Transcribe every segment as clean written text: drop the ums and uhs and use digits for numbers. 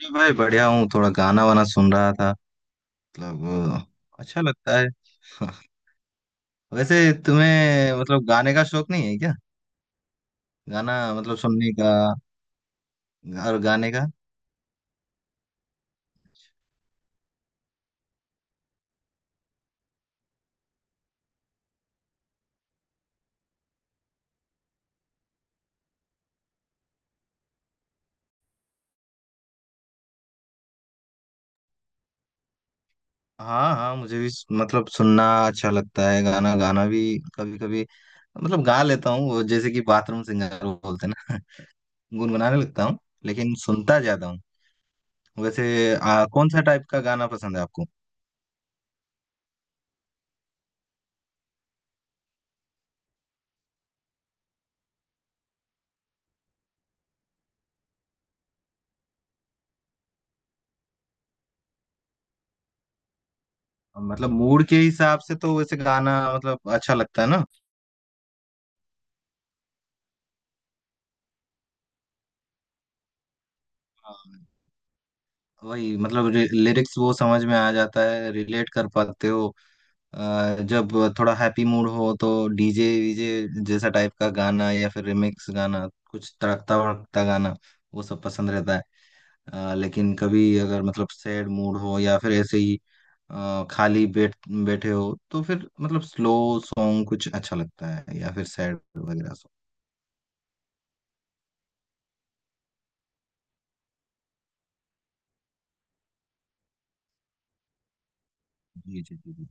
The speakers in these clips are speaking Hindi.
जी भाई, बढ़िया हूँ। थोड़ा गाना वाना सुन रहा था। मतलब अ, अच्छा लगता है वैसे। तुम्हें मतलब गाने का शौक नहीं है क्या? गाना मतलब सुनने का, और गाने का? हाँ हाँ, मुझे भी मतलब सुनना अच्छा लगता है, गाना गाना भी, कभी कभी। मतलब गा लेता हूँ वो, जैसे कि बाथरूम सिंगर वो बोलते हैं ना गुनगुनाने लगता हूँ। लेकिन सुनता ज्यादा हूँ। वैसे कौन सा टाइप का गाना पसंद है आपको? मतलब मूड के हिसाब से तो वैसे गाना मतलब अच्छा लगता है। ना, वही मतलब लिरिक्स वो समझ में आ जाता है, रिलेट कर पाते हो। जब थोड़ा हैप्पी मूड हो तो डीजे वीजे जैसा टाइप का गाना, या फिर रिमिक्स गाना, कुछ तड़कता भड़कता गाना, वो सब पसंद रहता है। लेकिन कभी अगर मतलब सैड मूड हो, या फिर ऐसे ही खाली बैठे हो तो फिर मतलब स्लो सॉन्ग कुछ अच्छा लगता है, या फिर सैड वगैरह सॉन्ग। जी जी जी।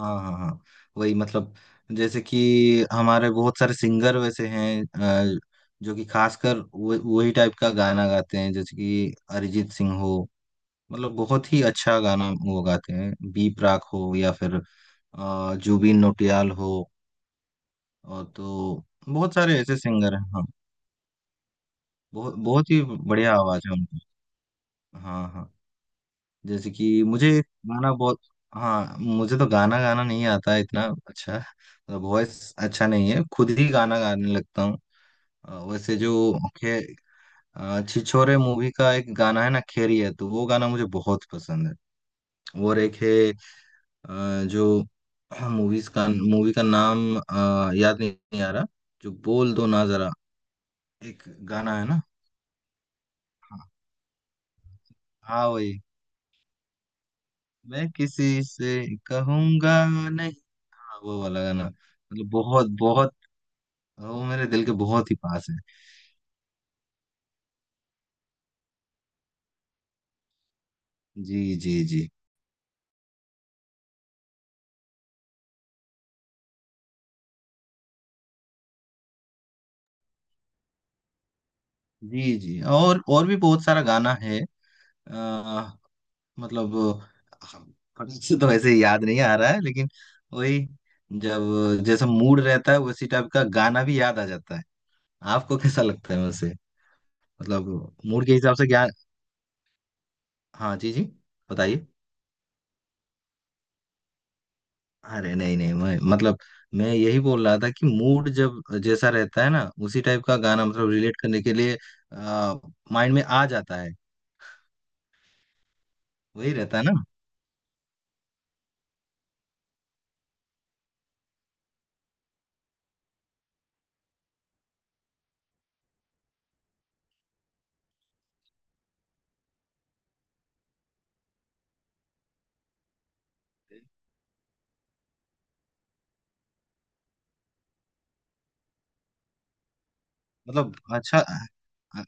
हाँ हाँ हाँ, वही मतलब, जैसे कि हमारे बहुत सारे सिंगर वैसे हैं, अ, जो कि खासकर वही टाइप का गाना गाते हैं, जैसे कि अरिजीत सिंह हो, मतलब बहुत ही अच्छा गाना वो गाते हैं, बी प्राक हो, या फिर जुबिन नौटियाल हो, और तो बहुत सारे ऐसे सिंगर हैं, हाँ। बहुत बहुत ही बढ़िया आवाज है उनकी। हाँ हाँ, जैसे कि मुझे गाना बहुत। हाँ, मुझे तो गाना गाना नहीं आता है इतना अच्छा, मतलब वॉइस अच्छा नहीं है, खुद ही गाना गाने लगता हूँ। वैसे जो खे छिछोरे मूवी का एक गाना है ना, खेरी है तो, वो गाना मुझे बहुत पसंद है। और एक है जो मूवी का नाम याद नहीं आ रहा, जो बोल दो ना जरा, एक गाना है ना। हाँ हाँ, वही। मैं किसी से कहूंगा नहीं। हाँ, वो वाला गाना मतलब बहुत बहुत, वो मेरे दिल के बहुत ही पास है। जी जी जी। जी जी, और भी बहुत सारा गाना है, आ, मतलब हम- फटाक से तो वैसे याद नहीं आ रहा है, लेकिन वही, जब जैसा मूड रहता है उसी टाइप का गाना भी याद आ जाता है। आपको कैसा लगता है वैसे? मतलब मूड के हिसाब से? क्या, हाँ जी जी, बताइए। अरे नहीं नहीं, मैं मतलब, मैं यही बोल रहा था कि मूड जब जैसा रहता है ना, उसी टाइप का गाना मतलब रिलेट करने के लिए आ, माइंड में आ जाता है। वही रहता है ना। मतलब अच्छा, आ-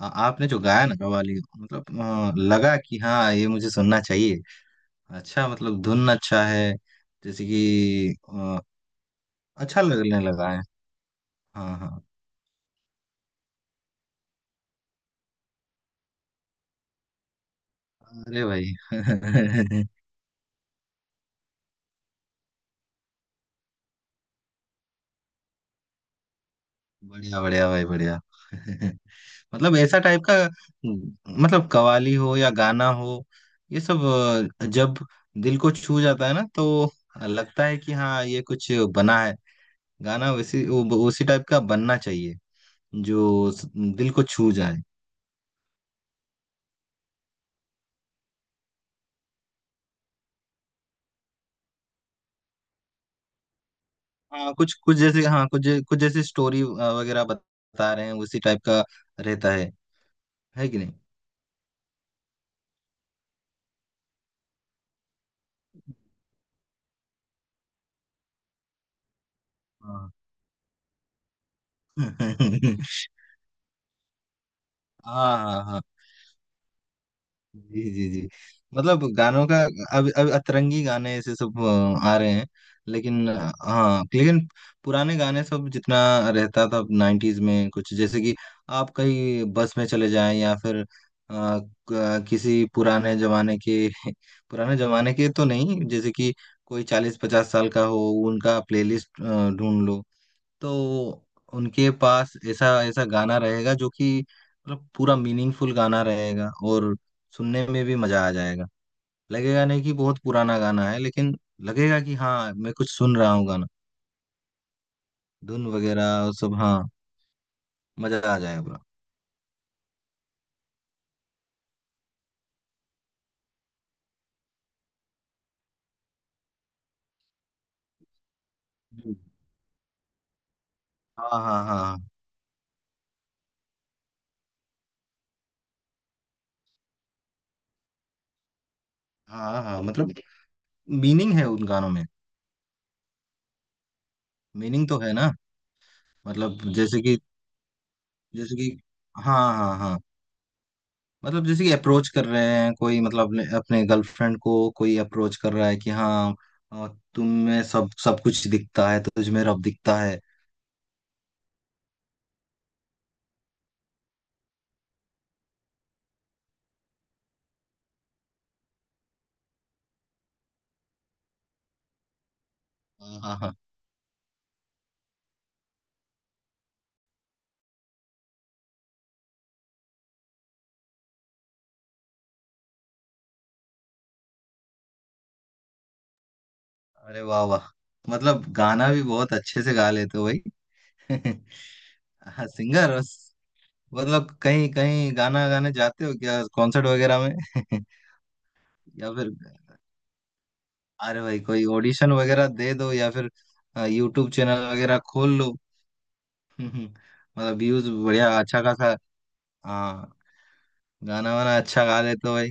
आ- आपने जो गाया ना कव्वाली, मतलब लगा कि हाँ, ये मुझे सुनना चाहिए। अच्छा, मतलब धुन अच्छा है, जैसे कि अच्छा लगने लगा है। हाँ हाँ। अरे भाई बढ़िया बढ़िया भाई, बढ़िया मतलब ऐसा टाइप का, मतलब कव्वाली हो या गाना हो, ये सब जब दिल को छू जाता है ना, तो लगता है कि हाँ, ये कुछ बना है गाना, वैसी उसी टाइप का बनना चाहिए, जो दिल को छू जाए। हाँ कुछ कुछ, जैसे हाँ, कुछ जैसी स्टोरी वगैरह बता रहे हैं, उसी टाइप का रहता है कि नहीं। हाँ हाँ हाँ हाँ जी जी जी। मतलब गानों का, अब अतरंगी गाने ऐसे सब आ रहे हैं। लेकिन हाँ, लेकिन पुराने गाने सब, जितना रहता था नाइन्टीज में, कुछ जैसे कि आप कहीं बस में चले जाएं, या फिर किसी पुराने जमाने के पुराने जमाने के तो नहीं, जैसे कि कोई 40-50 साल का हो, उनका प्लेलिस्ट ढूंढ लो, तो उनके पास ऐसा ऐसा गाना रहेगा जो कि मतलब पूरा मीनिंगफुल गाना रहेगा, और सुनने में भी मजा आ जाएगा। लगेगा नहीं कि बहुत पुराना गाना है, लेकिन लगेगा कि हाँ, मैं कुछ सुन रहा हूँ गाना, धुन वगैरह और सब। हाँ, मजा आ जाएगा पूरा। हम्म। हाँ हाँ हाँ हाँ हाँ, मतलब मीनिंग है उन गानों में, मीनिंग तो है ना। मतलब जैसे कि, जैसे कि हाँ हाँ हाँ, मतलब जैसे कि अप्रोच कर रहे हैं कोई, मतलब अपने अपने गर्लफ्रेंड को कोई अप्रोच कर रहा है कि हाँ, अ, तुम में सब सब कुछ दिखता है, तुझ में रब दिखता है। हाँ हाँ। अरे वाह वाह, मतलब गाना भी बहुत अच्छे से गा लेते हो भाई। हाँ, सिंगर। मतलब कहीं कहीं गाना गाने जाते हो क्या, कॉन्सर्ट वगैरह में? या फिर, अरे भाई कोई ऑडिशन वगैरह दे दो, या फिर यूट्यूब चैनल वगैरह खोल लो। मतलब व्यूज बढ़िया अच्छा खासा। हाँ, गाना वाना अच्छा गा लेते हो भाई।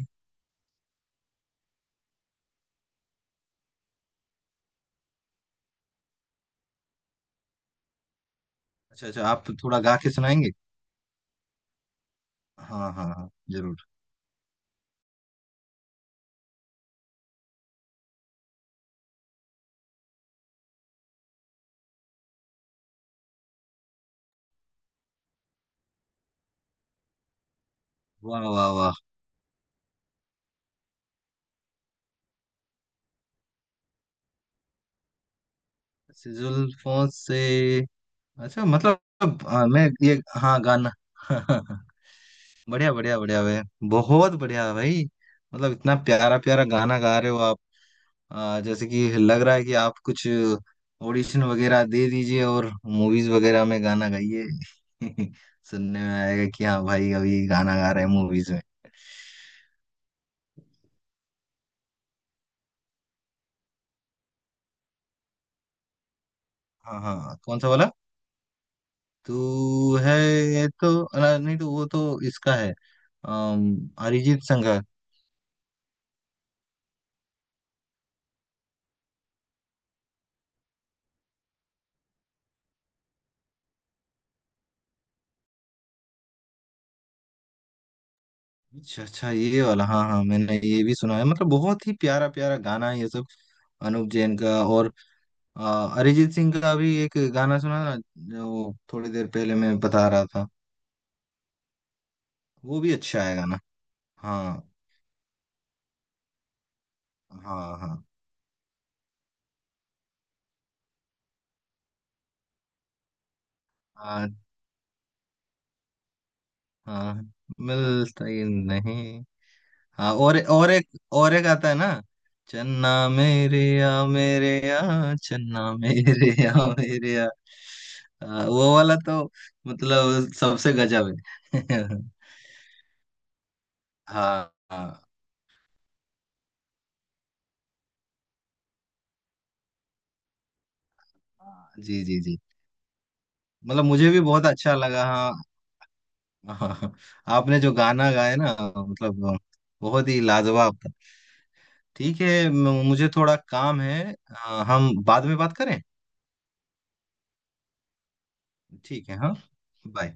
अच्छा अच्छा, आप तो थोड़ा गा के सुनाएंगे। हाँ हाँ हाँ, जरूर। वाह वाह वाह, जुल्फों से। अच्छा मतलब, मैं ये। हाँ, गाना बढ़िया बढ़िया बढ़िया भाई, बहुत बढ़िया भाई। मतलब इतना प्यारा प्यारा गाना गा रहे हो आप, जैसे कि लग रहा है कि आप कुछ ऑडिशन वगैरह दे दीजिए और मूवीज वगैरह में गाना गाइए। सुनने में आएगा कि हाँ भाई, अभी गाना गा रहे हैं मूवीज में। हाँ हाँ, कौन सा वाला? तू है तो नहीं, तो वो तो इसका है। अरिजीत संघ का। अच्छा अच्छा, ये वाला। हाँ हाँ, मैंने ये भी सुना है, मतलब बहुत ही प्यारा प्यारा गाना है ये सब, अनूप जैन का। और अ, अरिजीत सिंह का भी एक गाना सुना ना, जो थोड़ी देर पहले मैं बता रहा था, वो भी अच्छा है गाना। हाँ हाँ हाँ हाँ हाँ, मिलता ही नहीं। हाँ, और एक और एक आता है ना, चन्ना मेरे या मेरे या, चन्ना मेरे या मेरे या, वो वाला तो मतलब सबसे गजब है हाँ हाँ। जी जी जी, मतलब मुझे भी बहुत अच्छा लगा हाँ। हाँ, आपने जो गाना गाया ना मतलब बहुत ही लाजवाब था। ठीक है, मुझे थोड़ा काम है, हम बाद में बात करें। ठीक है हाँ। बाय।